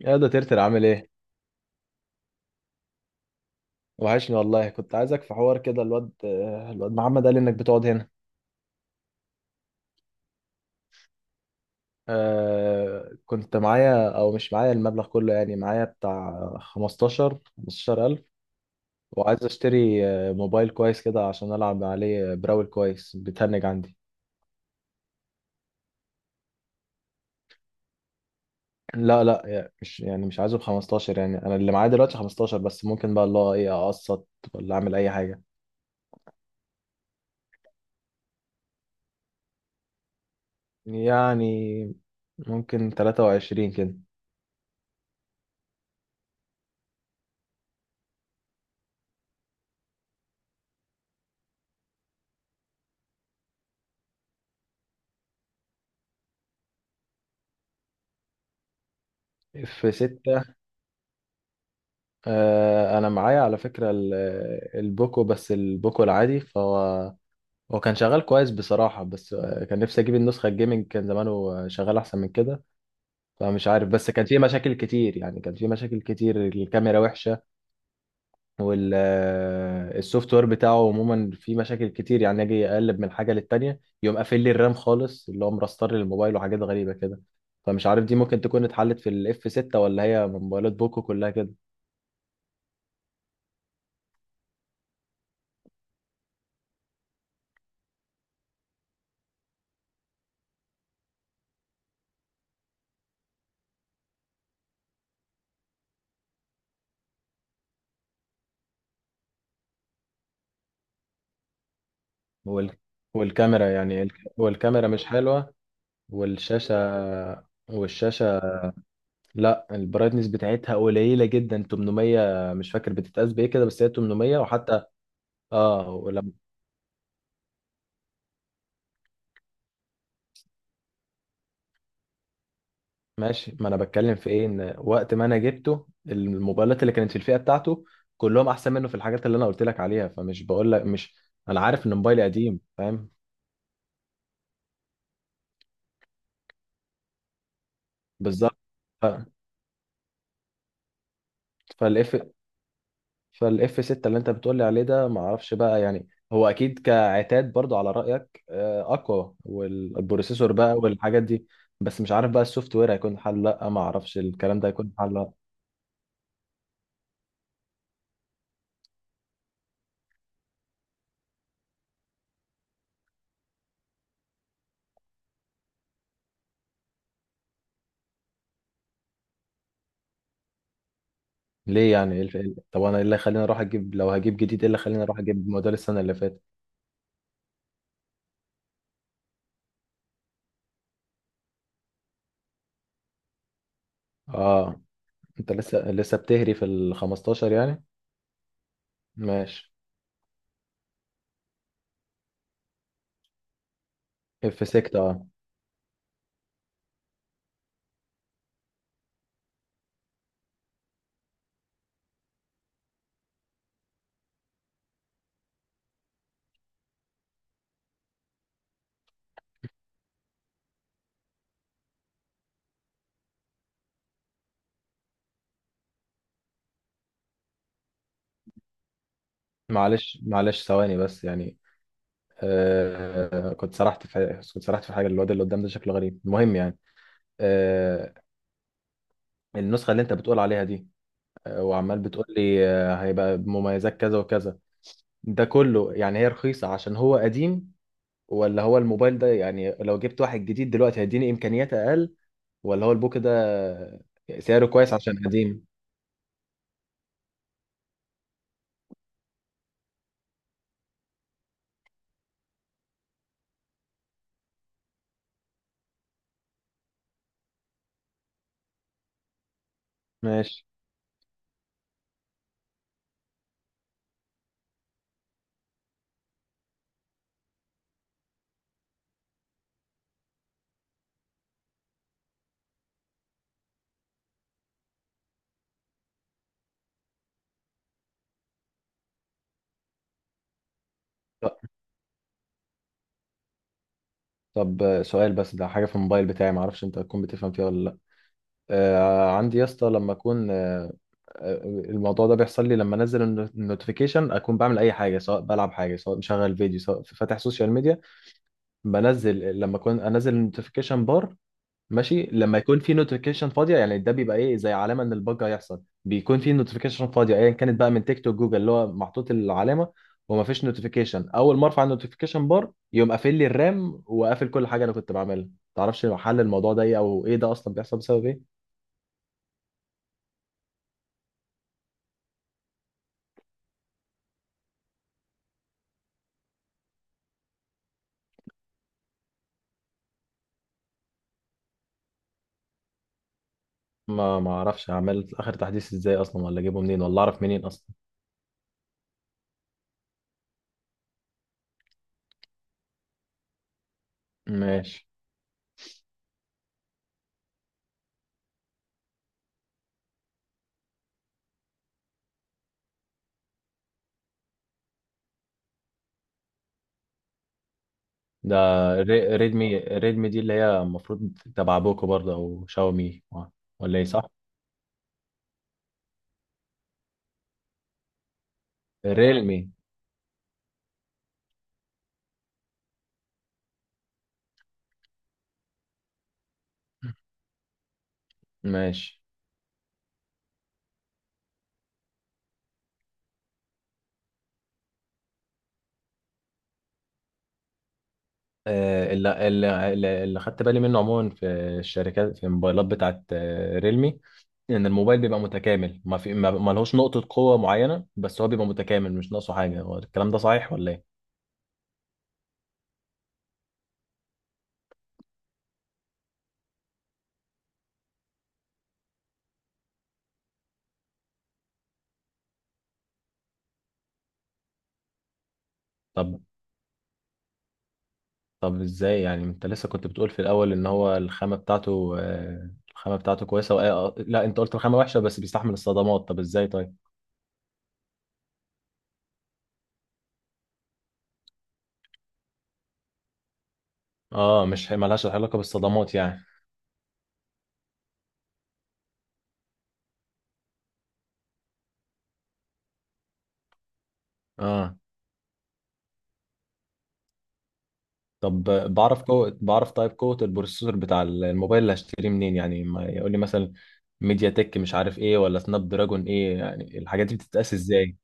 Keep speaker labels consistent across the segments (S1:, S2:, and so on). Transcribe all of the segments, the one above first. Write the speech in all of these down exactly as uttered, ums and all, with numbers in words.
S1: يا ده ترتر عامل ايه؟ وحشني والله، كنت عايزك في حوار كده. الواد الواد محمد قال لي انك بتقعد هنا. آه، كنت معايا او مش معايا. المبلغ كله يعني معايا، بتاع خمستاشر خمستاشر الف. وعايز اشتري آه، موبايل كويس كده عشان العب عليه براول. كويس، بتهنج عندي. لا لا، يعني مش يعني مش عايزه ب خمستاشر. يعني انا اللي معايا دلوقتي خمستاشر بس، ممكن بقى الله ايه اقسط ولا اعمل اي حاجة. يعني ممكن تلاتة وعشرين كده. في ستة؟ آه، انا معايا على فكرة ال- البوكو. بس البوكو العادي، فهو هو كان شغال كويس بصراحة، بس آه، كان نفسي اجيب النسخة الجيمنج، كان زمانه شغال احسن من كده. فمش عارف، بس كان فيه مشاكل كتير. يعني كان فيه مشاكل كتير، الكاميرا وحشة، والسوفت وير بتاعه عموما فيه مشاكل كتير. يعني اجي اقلب من حاجة للتانية، يقوم قافل لي الرام خالص، اللي هو مرستر الموبايل، وحاجات غريبة كده. فمش عارف دي ممكن تكون اتحلت في الاف ستة، ولا هي من موبايلات بوكو كلها كده؟ وال... والكاميرا، يعني الك... والكاميرا مش حلوة. والشاشة والشاشة لا، البرايتنس بتاعتها قليلة جدا، تمنمية. مش فاكر بتتقاس بإيه كده، بس هي تمنمية. وحتى اه، ولما... ماشي، ما أنا بتكلم في إيه، إن وقت ما أنا جبته الموبايلات اللي كانت في الفئة بتاعته كلهم أحسن منه في الحاجات اللي أنا قلت لك عليها. فمش بقول لك مش، أنا عارف إن موبايلي قديم، فاهم. بالظبط. ف... فالاف فالاف ستة اللي انت بتقولي عليه ده، ما اعرفش بقى. يعني هو اكيد كعتاد برضو، على رايك، آه، اقوى، والبروسيسور بقى والحاجات دي. بس مش عارف بقى السوفت وير هيكون حل لا. ما اعرفش الكلام ده هيكون حل لا. ليه؟ يعني إيه الف- إيه- طب انا ايه اللي خليني اروح اجيب؟ لو هجيب جديد، ايه اللي خليني اروح اجيب موديل السنه اللي فاتت؟ اه، انت لسه لسه بتهري في ال خمستاشر يعني؟ ماشي. اف ستة، اه؟ معلش معلش، ثواني بس. يعني آه، كنت سرحت في كنت سرحت في حاجه. الواد اللي قدام ده شكله غريب. المهم يعني، آه، النسخة اللي انت بتقول عليها دي، آه، وعمال بتقول لي آه، هيبقى بمميزات كذا وكذا، ده كله يعني هي رخيصة عشان هو قديم، ولا هو الموبايل ده يعني لو جبت واحد جديد دلوقتي هيديني إمكانيات أقل، ولا هو البوك ده آه، سعره كويس عشان قديم؟ ماشي. طب طب، آه، سؤال بس. ده حاجة في الموبايل بتاعي، معرفش انت هتكون بتفهم فيها ولا لا. آه، عندي يا اسطى، لما اكون آه، آه، الموضوع ده بيحصل لي لما انزل النوتيفيكيشن. اكون بعمل اي حاجه، سواء بلعب حاجه، سواء مشغل فيديو، سواء فاتح سوشيال ميديا. بنزل لما اكون انزل النوتيفيكيشن بار، ماشي، لما يكون في نوتيفيكيشن فاضيه، يعني ده بيبقى ايه زي علامه ان الباج هيحصل، بيكون في نوتيفيكيشن فاضيه ايا كانت بقى، من تيك توك، جوجل، اللي هو محطوط العلامه وما فيش نوتيفيكيشن، اول ما ارفع النوتيفيكيشن بار يقوم قافل لي الرام وقافل كل حاجه انا كنت بعملها. تعرفش حل الموضوع ده ايه، او ايه ده اصلا بيحصل بسبب ايه؟ ما ما اعرفش اعمل اخر تحديث ازاي اصلا، ولا اجيبه منين، ولا اعرف منين اصلا. ماشي. ده ري- ريدمي ريدمي دي اللي هي المفروض تبع بوكو برضه، او شاومي، ولا ايه؟ صح. ريلمي. ماشي. آه، اللي, اللي, اللي اللي خدت بالي منه عموما في الشركات، في الموبايلات بتاعت آه، ريلمي، ان الموبايل بيبقى متكامل، ما في ما ما لهوش نقطة قوة معينة، بس هو بيبقى متكامل مش ناقصه حاجة. هو الكلام ده صحيح ولا ايه؟ طب، طب ازاي يعني؟ انت لسه كنت بتقول في الاول ان هو الخامة بتاعته آه، الخامة بتاعته كويسة، وآه، لا انت قلت الخامة وحشة بس بيستحمل الصدمات. طب ازاي طيب؟ اه، مش ملهاش علاقة بالصدمات يعني. اه. طب بعرف قوة بعرف، طيب قوة البروسيسور بتاع الموبايل اللي هشتريه منين يعني؟ ما يقول لي مثلا ميديا تك مش عارف ايه، ولا سناب دراجون ايه، يعني الحاجات دي بتتقاس ازاي؟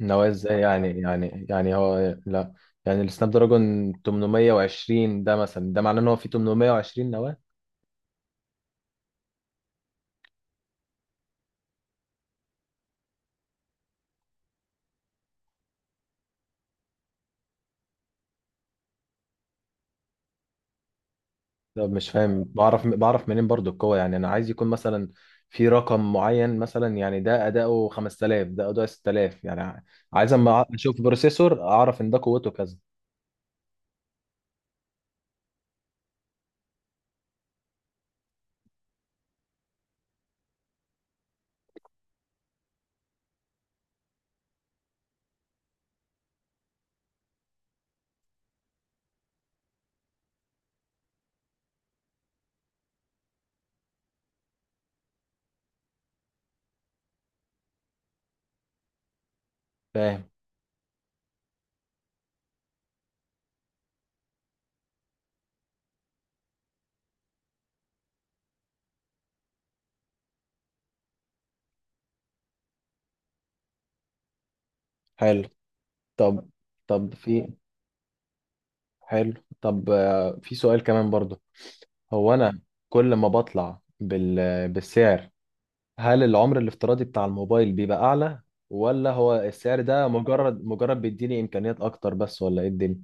S1: نواه ازاي يعني يعني يعني هو لا، يعني السناب دراجون تمنمية وعشرين ده مثلا، ده معناه ان هو فيه تمنمية وعشرين نواة؟ لا، مش فاهم. بعرف بعرف منين برضو القوة يعني؟ انا عايز يكون مثلا في رقم معين، مثلا يعني ده اداؤه خمستلاف، ده اداؤه ستتلاف يعني. عايز اما اشوف بروسيسور اعرف ان ده قوته كذا. فاهم. حلو. طب، طب في حلو. طب آه، في سؤال كمان برضو. هو انا كل ما بطلع بال بالسعر، هل العمر الافتراضي بتاع الموبايل بيبقى اعلى، ولا هو السعر ده مجرد مجرد بيديني امكانيات اكتر بس، ولا ايه الدنيا؟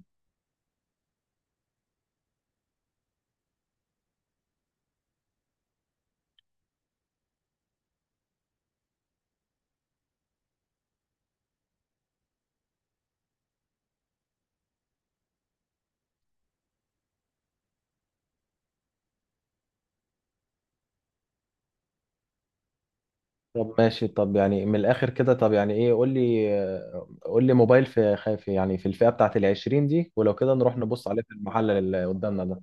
S1: طب ماشي. طب يعني من الاخر كده، طب يعني ايه؟ قول لي آه، قول لي موبايل في خ- في يعني في الفئة بتاعت ال عشرين دي، ولو كده نروح نبص عليه في المحل اللي قدامنا ده.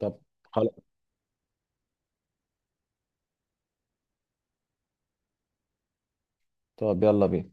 S1: طب خلاص. طب يلا بينا.